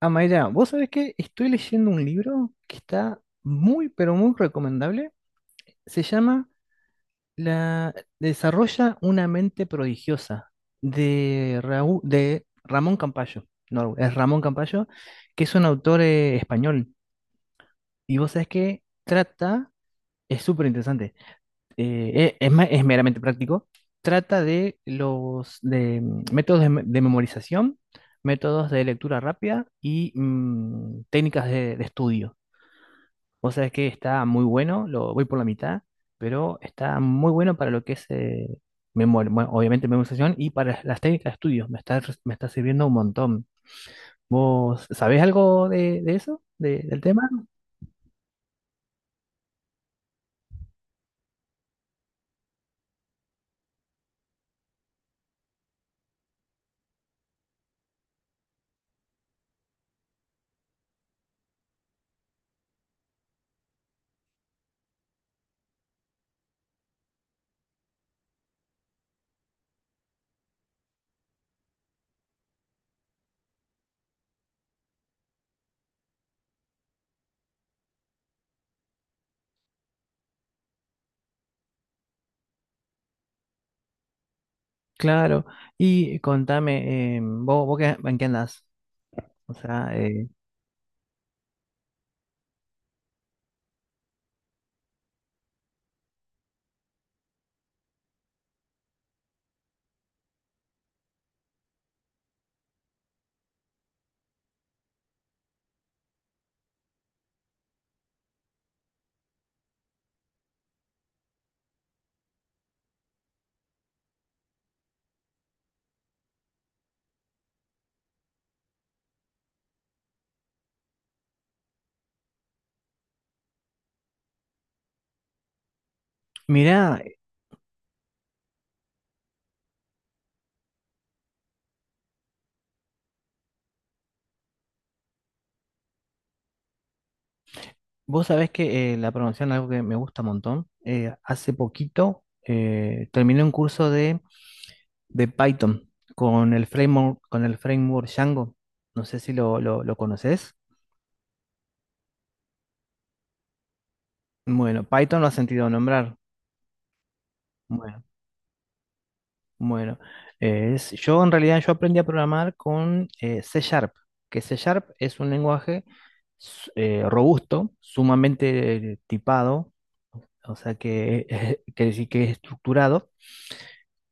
Ah, Mayra, vos sabés que estoy leyendo un libro que está muy, pero muy recomendable. Se llama La Desarrolla una mente prodigiosa de, de Ramón Campayo. No, es Ramón Campayo, que es un autor español. Y vos sabés que trata, es súper interesante, es meramente práctico, trata de los de, métodos de, de memorización, métodos de lectura rápida y técnicas de estudio. Vos sabés que está muy bueno, lo voy por la mitad, pero está muy bueno para lo que es memoria, bueno, obviamente memorización y para las técnicas de estudio. Me está, me está sirviendo un montón. ¿Vos sabés algo de eso? Del tema? Claro. Y contame, ¿vos, en qué andás? O sea, mirá, vos sabés que la programación es algo que me gusta un montón. Hace poquito terminé un curso de Python con el framework Django. No sé si lo conoces. Bueno, Python lo has sentido nombrar. Bueno, bueno. Yo en realidad yo aprendí a programar con C Sharp, que C Sharp es un lenguaje robusto, sumamente tipado, o sea que quiere decir que es estructurado,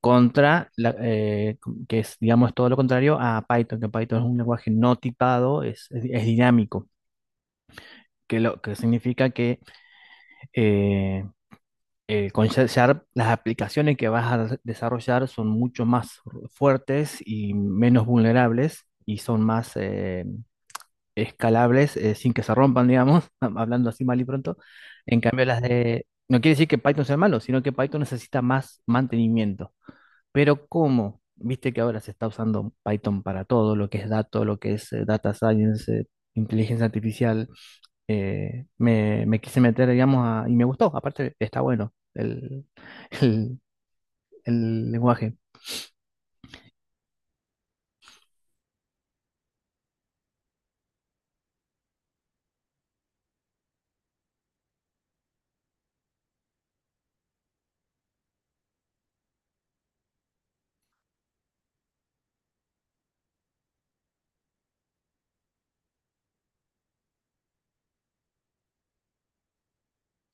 contra la, que es, digamos, todo lo contrario a Python, que Python es un lenguaje no tipado, es, es dinámico, que lo que significa eh, con Sharp, las aplicaciones que vas a desarrollar son mucho más fuertes y menos vulnerables y son más escalables sin que se rompan, digamos, hablando así mal y pronto. En cambio, las de no quiere decir que Python sea malo, sino que Python necesita más mantenimiento. Pero ¿cómo? Viste que ahora se está usando Python para todo, lo que es datos, lo que es data science, inteligencia artificial me quise meter, digamos, y me gustó. Aparte, está bueno el, el- el lenguaje.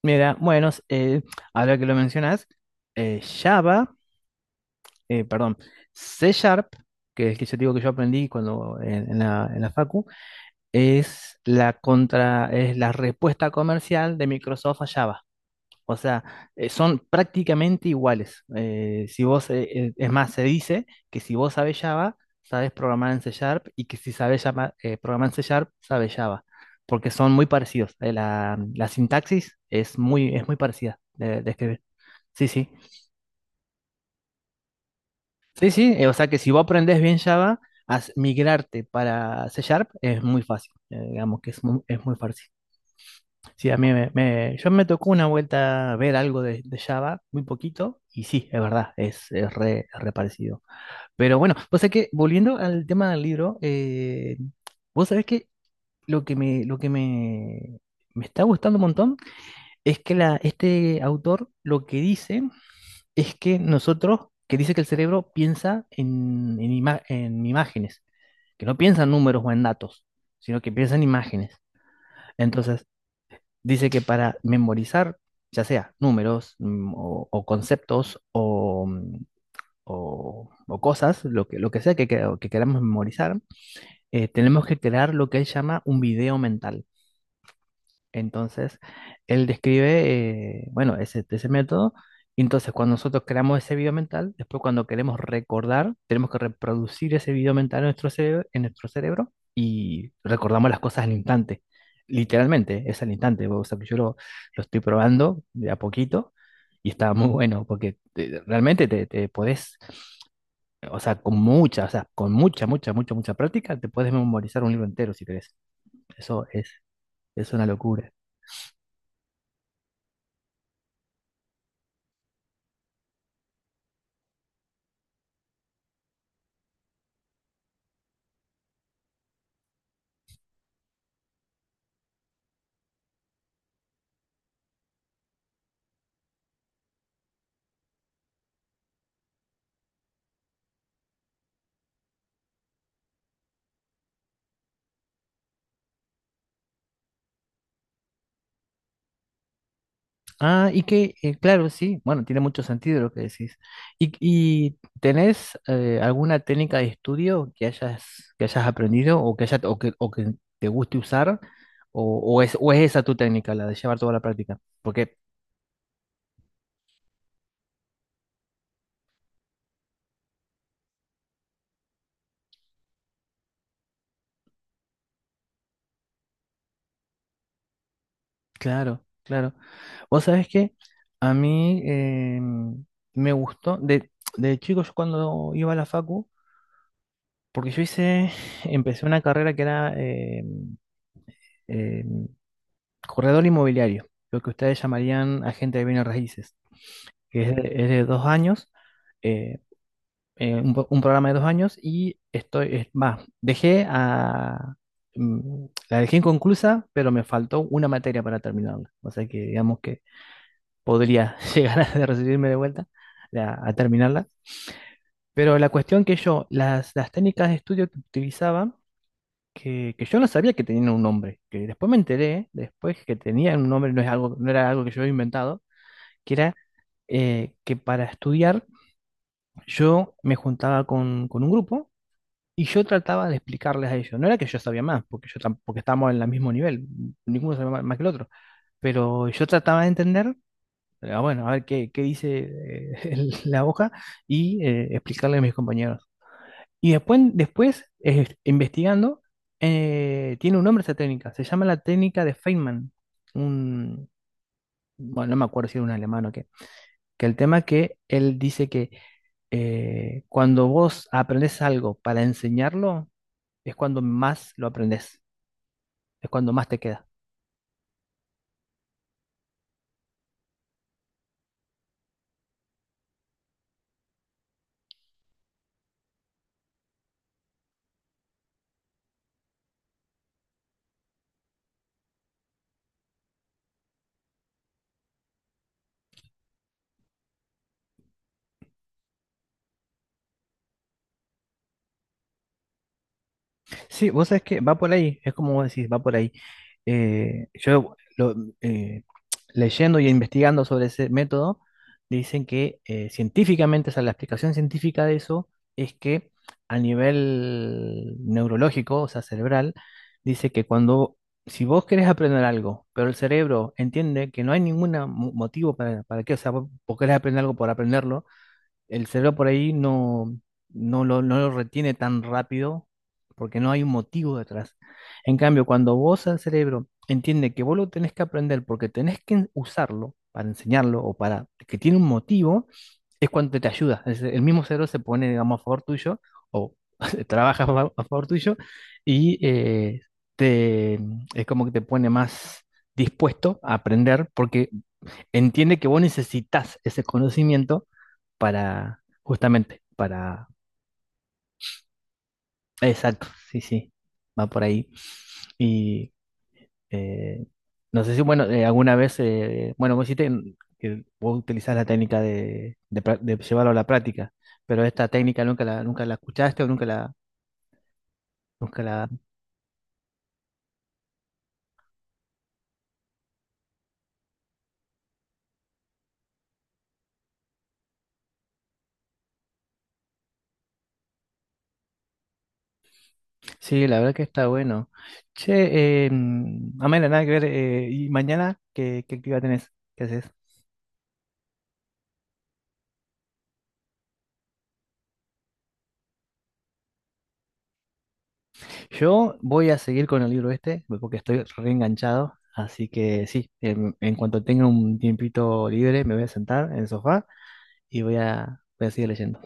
Mira, bueno, ahora que lo mencionas, Java, perdón, C Sharp, que es que yo digo que yo aprendí cuando en la Facu, es la contra, es la respuesta comercial de Microsoft a Java. O sea, son prácticamente iguales. Si vos, es más, se dice que si vos sabes Java, sabes programar en C Sharp y que si sabes programar en C Sharp, sabes Java, porque son muy parecidos. La sintaxis es muy parecida de escribir. Sí, sí. Sí, sí. O sea que si vos aprendés bien Java, migrarte para C Sharp es muy fácil. Digamos que es muy fácil. Sí, a mí yo me tocó una vuelta ver algo de Java, muy poquito, y sí, es verdad, es, es re parecido. Pero bueno, vos sabés que, volviendo al tema del libro, vos sabés que lo que me, lo que me, me está gustando un montón es que la, este autor lo que dice es que nosotros, que dice que el cerebro piensa en imágenes, que no piensa en números o en datos, sino que piensa en imágenes. Entonces, dice que para memorizar, ya sea números o conceptos o, o cosas, lo que sea que, que queramos memorizar, tenemos que crear lo que él llama un video mental. Entonces, él describe, bueno, ese método. Y entonces, cuando nosotros creamos ese video mental, después cuando queremos recordar, tenemos que reproducir ese video mental en nuestro cerebro y recordamos las cosas al instante. Literalmente, es al instante. O sea, que yo lo estoy probando de a poquito y está muy bueno porque realmente te, te podés, o sea, con mucha, o sea, con mucha, mucha, mucha, mucha práctica, te puedes memorizar un libro entero si querés. Eso es una locura. Ah, y que, claro, sí, bueno, tiene mucho sentido lo que decís. Y tenés alguna técnica de estudio que hayas aprendido o que, o que, o que te guste usar? ¿O, o es, o es esa tu técnica, la de llevar toda la práctica? Porque, claro, claro. Vos sabés que a mí me gustó, de chico yo cuando iba a la facu, porque yo hice, empecé una carrera que era corredor inmobiliario, lo que ustedes llamarían agente de bienes raíces, que es de 2 años, eh, un, un programa de 2 años y estoy, dejé a, la dejé inconclusa, pero me faltó una materia para terminarla, o sea que digamos que podría llegar a recibirme de vuelta a terminarla, pero la cuestión que yo, las técnicas de estudio que utilizaba, que yo no sabía que tenían un nombre, que después me enteré, después que tenían un nombre, no es algo, no era algo que yo había inventado, que era que para estudiar yo me juntaba con un grupo y yo trataba de explicarles a ellos. No era que yo sabía más, porque yo porque estábamos en el mismo nivel, ninguno sabía más, más que el otro, pero yo trataba de entender, bueno, a ver qué, qué dice la hoja y explicarle a mis compañeros. Y después, después investigando, tiene un nombre esa técnica, se llama la técnica de Feynman. Un, bueno, no me acuerdo si era un alemán o qué. Que el tema que él dice que cuando vos aprendes algo para enseñarlo, es cuando más lo aprendes, es cuando más te queda. Sí, vos sabés que va por ahí, es como vos decís, va por ahí. Eh, yo lo- eh, Leyendo y investigando sobre ese método, dicen que científicamente, o sea, la explicación científica de eso es que a nivel neurológico, o sea, cerebral, dice que cuando, si vos querés aprender algo, pero el cerebro entiende que no hay ningún motivo para qué, o sea, vos querés aprender algo por aprenderlo, el cerebro por ahí no, no lo, no lo retiene tan rápido porque no hay un motivo detrás. En cambio, cuando vos al cerebro entiende que vos lo tenés que aprender porque tenés que usarlo para enseñarlo o para que tiene un motivo, es cuando te ayuda. El mismo cerebro se pone, digamos, a favor tuyo o trabaja a a favor tuyo y te, es como que te pone más dispuesto a aprender porque entiende que vos necesitas ese conocimiento para, justamente, para, exacto, sí, sí, va por ahí. Y eh, no sé si, bueno, alguna vez, bueno, vos hiciste que vos utilizás la técnica de, de llevarlo a la práctica, pero esta técnica nunca la, nunca la escuchaste o nunca la, nunca la, sí, la verdad que está bueno. Che, Amela, nada que ver, y mañana, ¿qué, qué actividad tenés? ¿Qué haces? Yo voy a seguir con el libro este porque estoy reenganchado, así que sí, cuanto tenga un tiempito libre me voy a sentar en el sofá y voy a, voy a seguir leyendo.